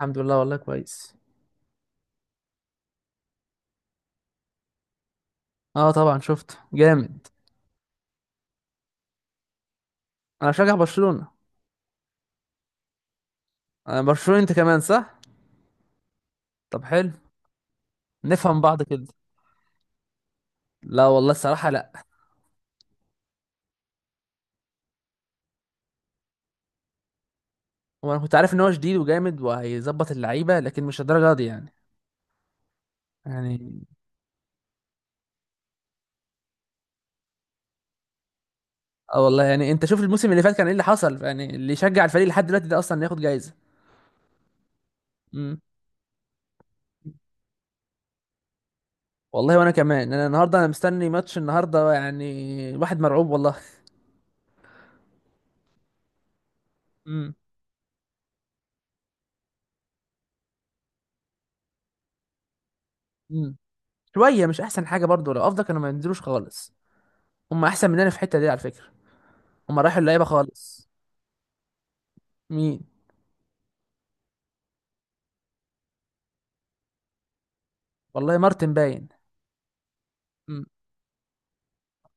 الحمد لله والله كويس. اه طبعا شفت جامد. انا بشجع برشلونة. انا برشلونة، انت كمان صح؟ طب حلو. نفهم بعض كده. لا والله الصراحة لا. وانا كنت عارف ان هو شديد وجامد وهيظبط اللعيبة لكن مش الدرجة دي يعني. يعني اه والله، يعني انت شوف الموسم اللي فات كان ايه اللي حصل، يعني اللي يشجع الفريق لحد دلوقتي ده اصلا ياخد جايزة. امم. والله وانا كمان، انا النهارده مستني ماتش النهارده يعني. واحد مرعوب والله. امم. امم. شوية مش احسن حاجة برضو، لو افضل كانوا ما ينزلوش خالص. هم احسن مننا في الحتة دي على فكرة. هما رايحوا اللعيبه خالص. مين؟ والله مارتن باين. مم.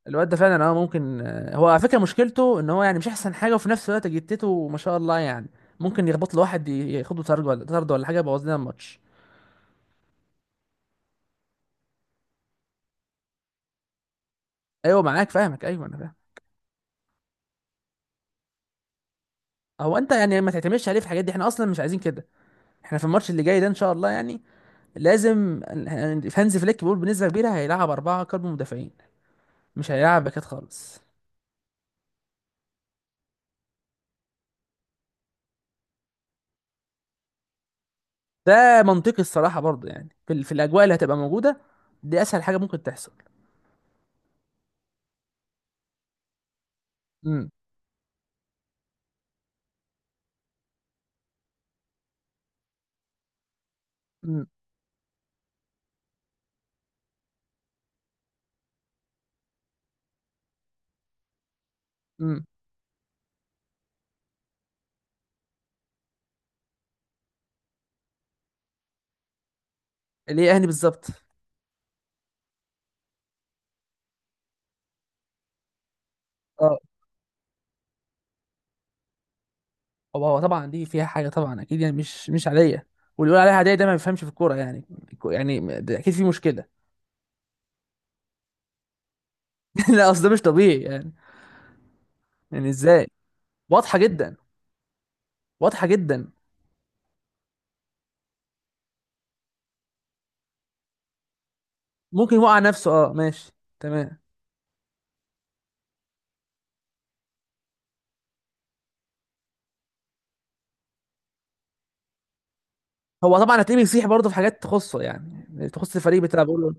الواد ده فعلا، اه، ممكن، هو على فكره مشكلته ان هو يعني مش احسن حاجه، وفي نفس الوقت جتته ما شاء الله يعني. ممكن يخبط له واحد، ياخده طرد، ولا طرد ولا حاجه يبوظ لنا الماتش. ايوه معاك فاهمك، ايوه انا فاهم. هو انت يعني ما تعتمدش عليه في الحاجات دي، احنا اصلا مش عايزين كده. احنا في الماتش اللي جاي ده ان شاء الله يعني لازم، هانز فليك بيقول بنسبه كبيره هيلعب اربعه قلب مدافعين. مش هيلعب باكات خالص. ده منطقي الصراحه برضه، يعني في الاجواء اللي هتبقى موجوده دي اسهل حاجه ممكن تحصل. امم. امم. امم. اللي هي اهلي بالظبط. اه، هو طبعا دي فيها حاجه طبعا اكيد، يعني مش عاديه. واللي يقول عليها عاديه ده ما بيفهمش في الكوره يعني. يعني، ده اكيد في مشكله. لا، اصل ده مش طبيعي يعني. يعني ازاي؟ واضحه جدا. واضحه جدا. ممكن يوقع نفسه، اه ماشي. تمام. هو طبعا هتلاقيه بيصيح برضه في حاجات تخصه، يعني تخص الفريق بتاعه بيقول له.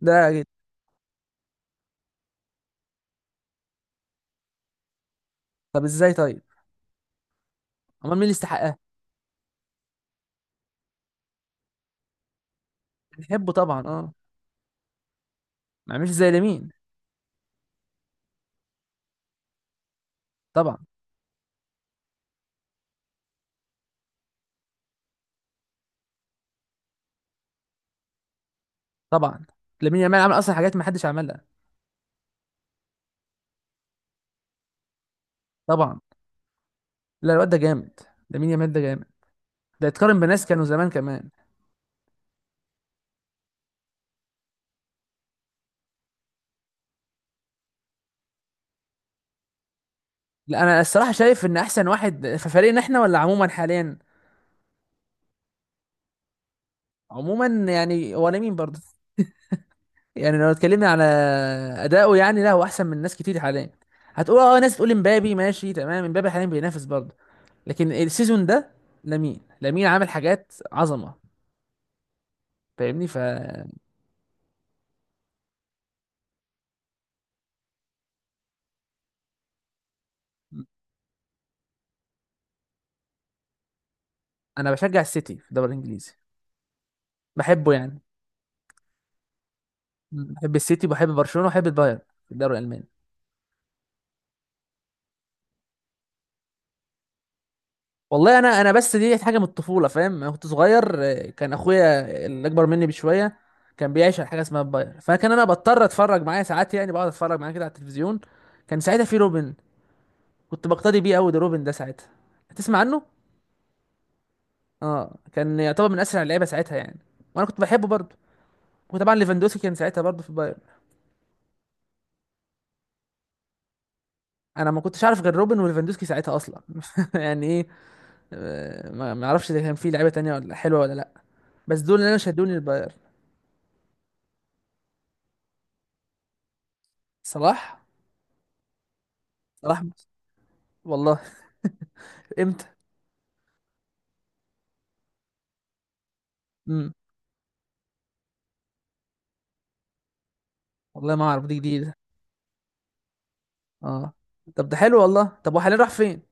ده جد. طب ازاي طيب؟ امال مين اللي يستحقها؟ بنحبه طبعا اه. ما عملش زي لامين. طبعا. طبعا لامين يامال عمل اصلا حاجات ما حدش عملها. طبعا. لا، الواد ده جامد. ده مين يامال ده جامد. ده يتقارن بناس كانوا زمان كمان. لا انا الصراحه شايف ان احسن واحد في فريقنا احنا ولا عموما حاليا. عموما يعني هو لامين برضه. يعني لو اتكلمنا على اداؤه، يعني لا هو احسن من ناس كتير حاليا. هتقول اه، ناس تقول امبابي ماشي تمام، امبابي حاليا بينافس برضه، لكن السيزون ده لامين، لامين عامل حاجات عظمه. فاهمني، ف... انا بشجع السيتي في الدوري الانجليزي. بحبه يعني. بحب السيتي، بحب برشلونه وبحب البايرن في الدوري الالماني. والله انا بس دي حاجه من الطفوله، فاهم انا كنت صغير، كان اخويا اللي اكبر مني بشويه كان بيعيش على حاجه اسمها الباير، فكان انا بضطر اتفرج معاه ساعات، يعني بقعد اتفرج معاه كده على التلفزيون. كان ساعتها في روبن، كنت بقتدي بيه قوي، ده روبن ده ساعتها هتسمع عنه. اه، كان يعتبر من اسرع اللعيبه ساعتها يعني، وانا كنت بحبه برضه. وطبعا ليفاندوسكي كان ساعتها برضه في الباير. انا ما كنتش عارف غير روبن وليفاندوسكي ساعتها اصلا. يعني ايه؟ ما اعرفش اذا كان في لعيبه تانية ولا حلوه ولا لا. بس دول اللي انا شدوني الباير. صلاح؟ صلاح؟ والله. امتى؟ امم. والله ما اعرف، دي جديده. اه، طب ده حلو والله. طب وحاليا راح فين؟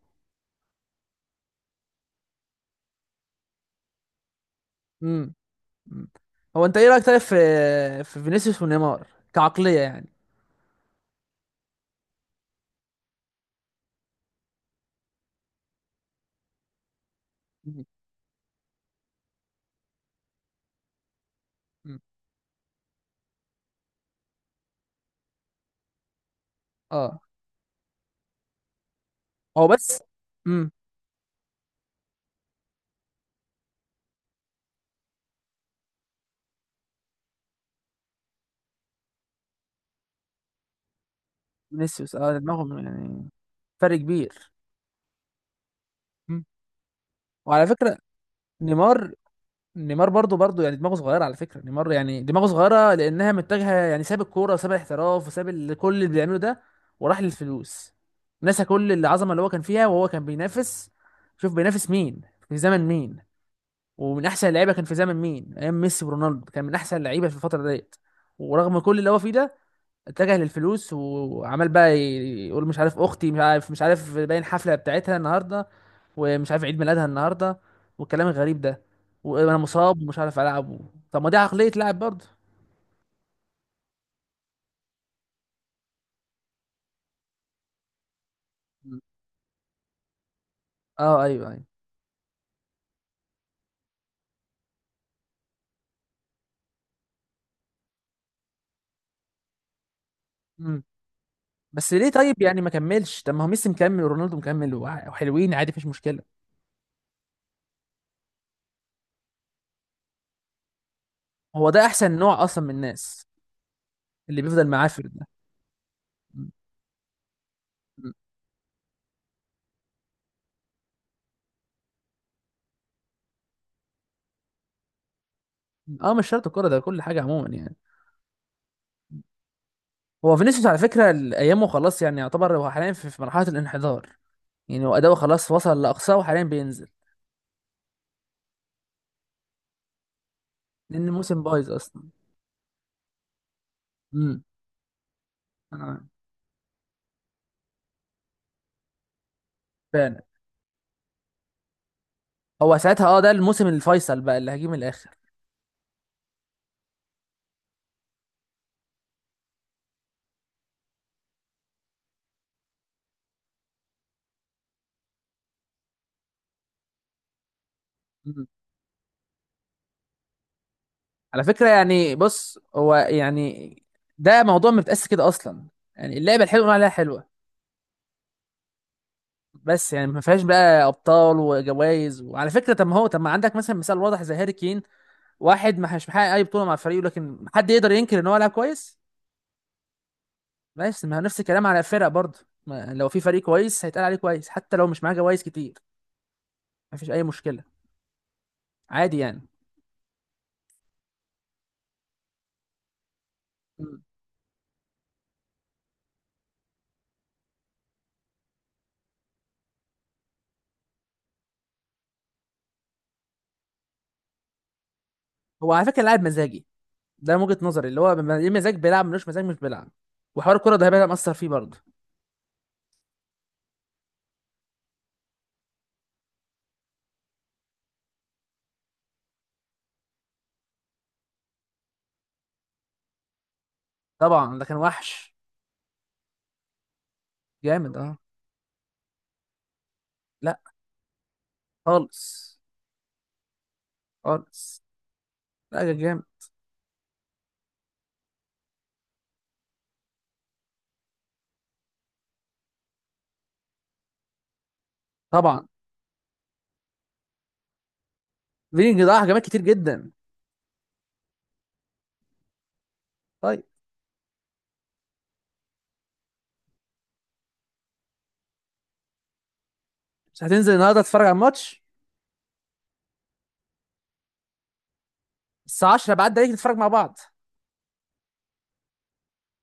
امم. أمم. هو انت ايه رايك طيب في في فينيسيوس ونيمار، كعقليه يعني؟ أمم. أمم. اه هو بس. امم. فينيسيوس، اه دماغهم يعني فرق كبير. أمم. وعلى فكره نيمار، نيمار برضو برضو يعني دماغه صغيره، على فكره نيمار يعني دماغه صغيره لانها متجهه، يعني ساب الكوره وساب الاحتراف وساب كل اللي بيعمله ده، وراح للفلوس. نسى كل العظمه اللي هو كان فيها، وهو كان بينافس، شوف بينافس مين، في زمن مين، ومن احسن اللعيبه كان في زمن مين، ايام ميسي ورونالدو كان من احسن اللعيبه في الفتره ديت. ورغم كل اللي هو فيه ده اتجه للفلوس، وعمال بقى يقول مش عارف اختي، مش عارف باين حفله بتاعتها النهارده، ومش عارف عيد ميلادها النهارده، والكلام الغريب ده، وانا مصاب ومش عارف العب، طب ما دي عقليه لاعب برضه. مم. اه ايوه ايوه. مم. بس ليه طيب، يعني ما كملش؟ طب ما هو ميسي مكمل ورونالدو مكمل، وحلوين عادي، مفيش مشكله. هو ده احسن نوع اصلا من الناس، اللي بيفضل معاه في ده. مم. مم. اه مش شرط الكوره، ده كل حاجه عموما يعني. هو فينيسيوس على فكره ايامه خلاص، يعني يعتبر هو حاليا في مرحله الانحدار، يعني هو اداؤه خلاص وصل لاقصاه وحاليا بينزل، لان الموسم بايظ اصلا. امم. آه. فعلا. هو ساعتها، اه ده الموسم الفيصل بقى اللي هجيه من الاخر. مم. على فكره يعني بص هو يعني ده موضوع ما بيتقاس كده اصلا. يعني اللعبه الحلوه نقول عليها حلوه، بس يعني ما فيهاش بقى ابطال وجوائز. وعلى فكره، طب ما هو، طب ما عندك مثلا مثال واضح زي هاري كين، واحد ما مش محقق اي بطوله مع فريقه لكن حد يقدر ينكر ان هو لعب كويس. بس ما هو نفس الكلام على الفرق برضه، لو في فريق كويس هيتقال عليه كويس حتى لو مش معاه جوائز كتير، مفيش اي مشكله، عادي يعني. مم. هو على فكره لاعب مزاجي، ده من وجهه نظري، اللي هو ليه مزاج بيلعب، ملوش مزاج مش بيلعب، وحوار الكره ده هيبقى مأثر فيه برضه. طبعا ده كان وحش. جامد اه. لا. خالص. خالص. لا ده جامد. طبعا. فينج ضيع هجمات كتير جدا. طيب، مش هتنزل النهارده تتفرج على الماتش؟ الساعه 10 بعد عليك نتفرج مع بعض.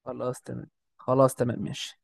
خلاص تمام. خلاص تمام ماشي.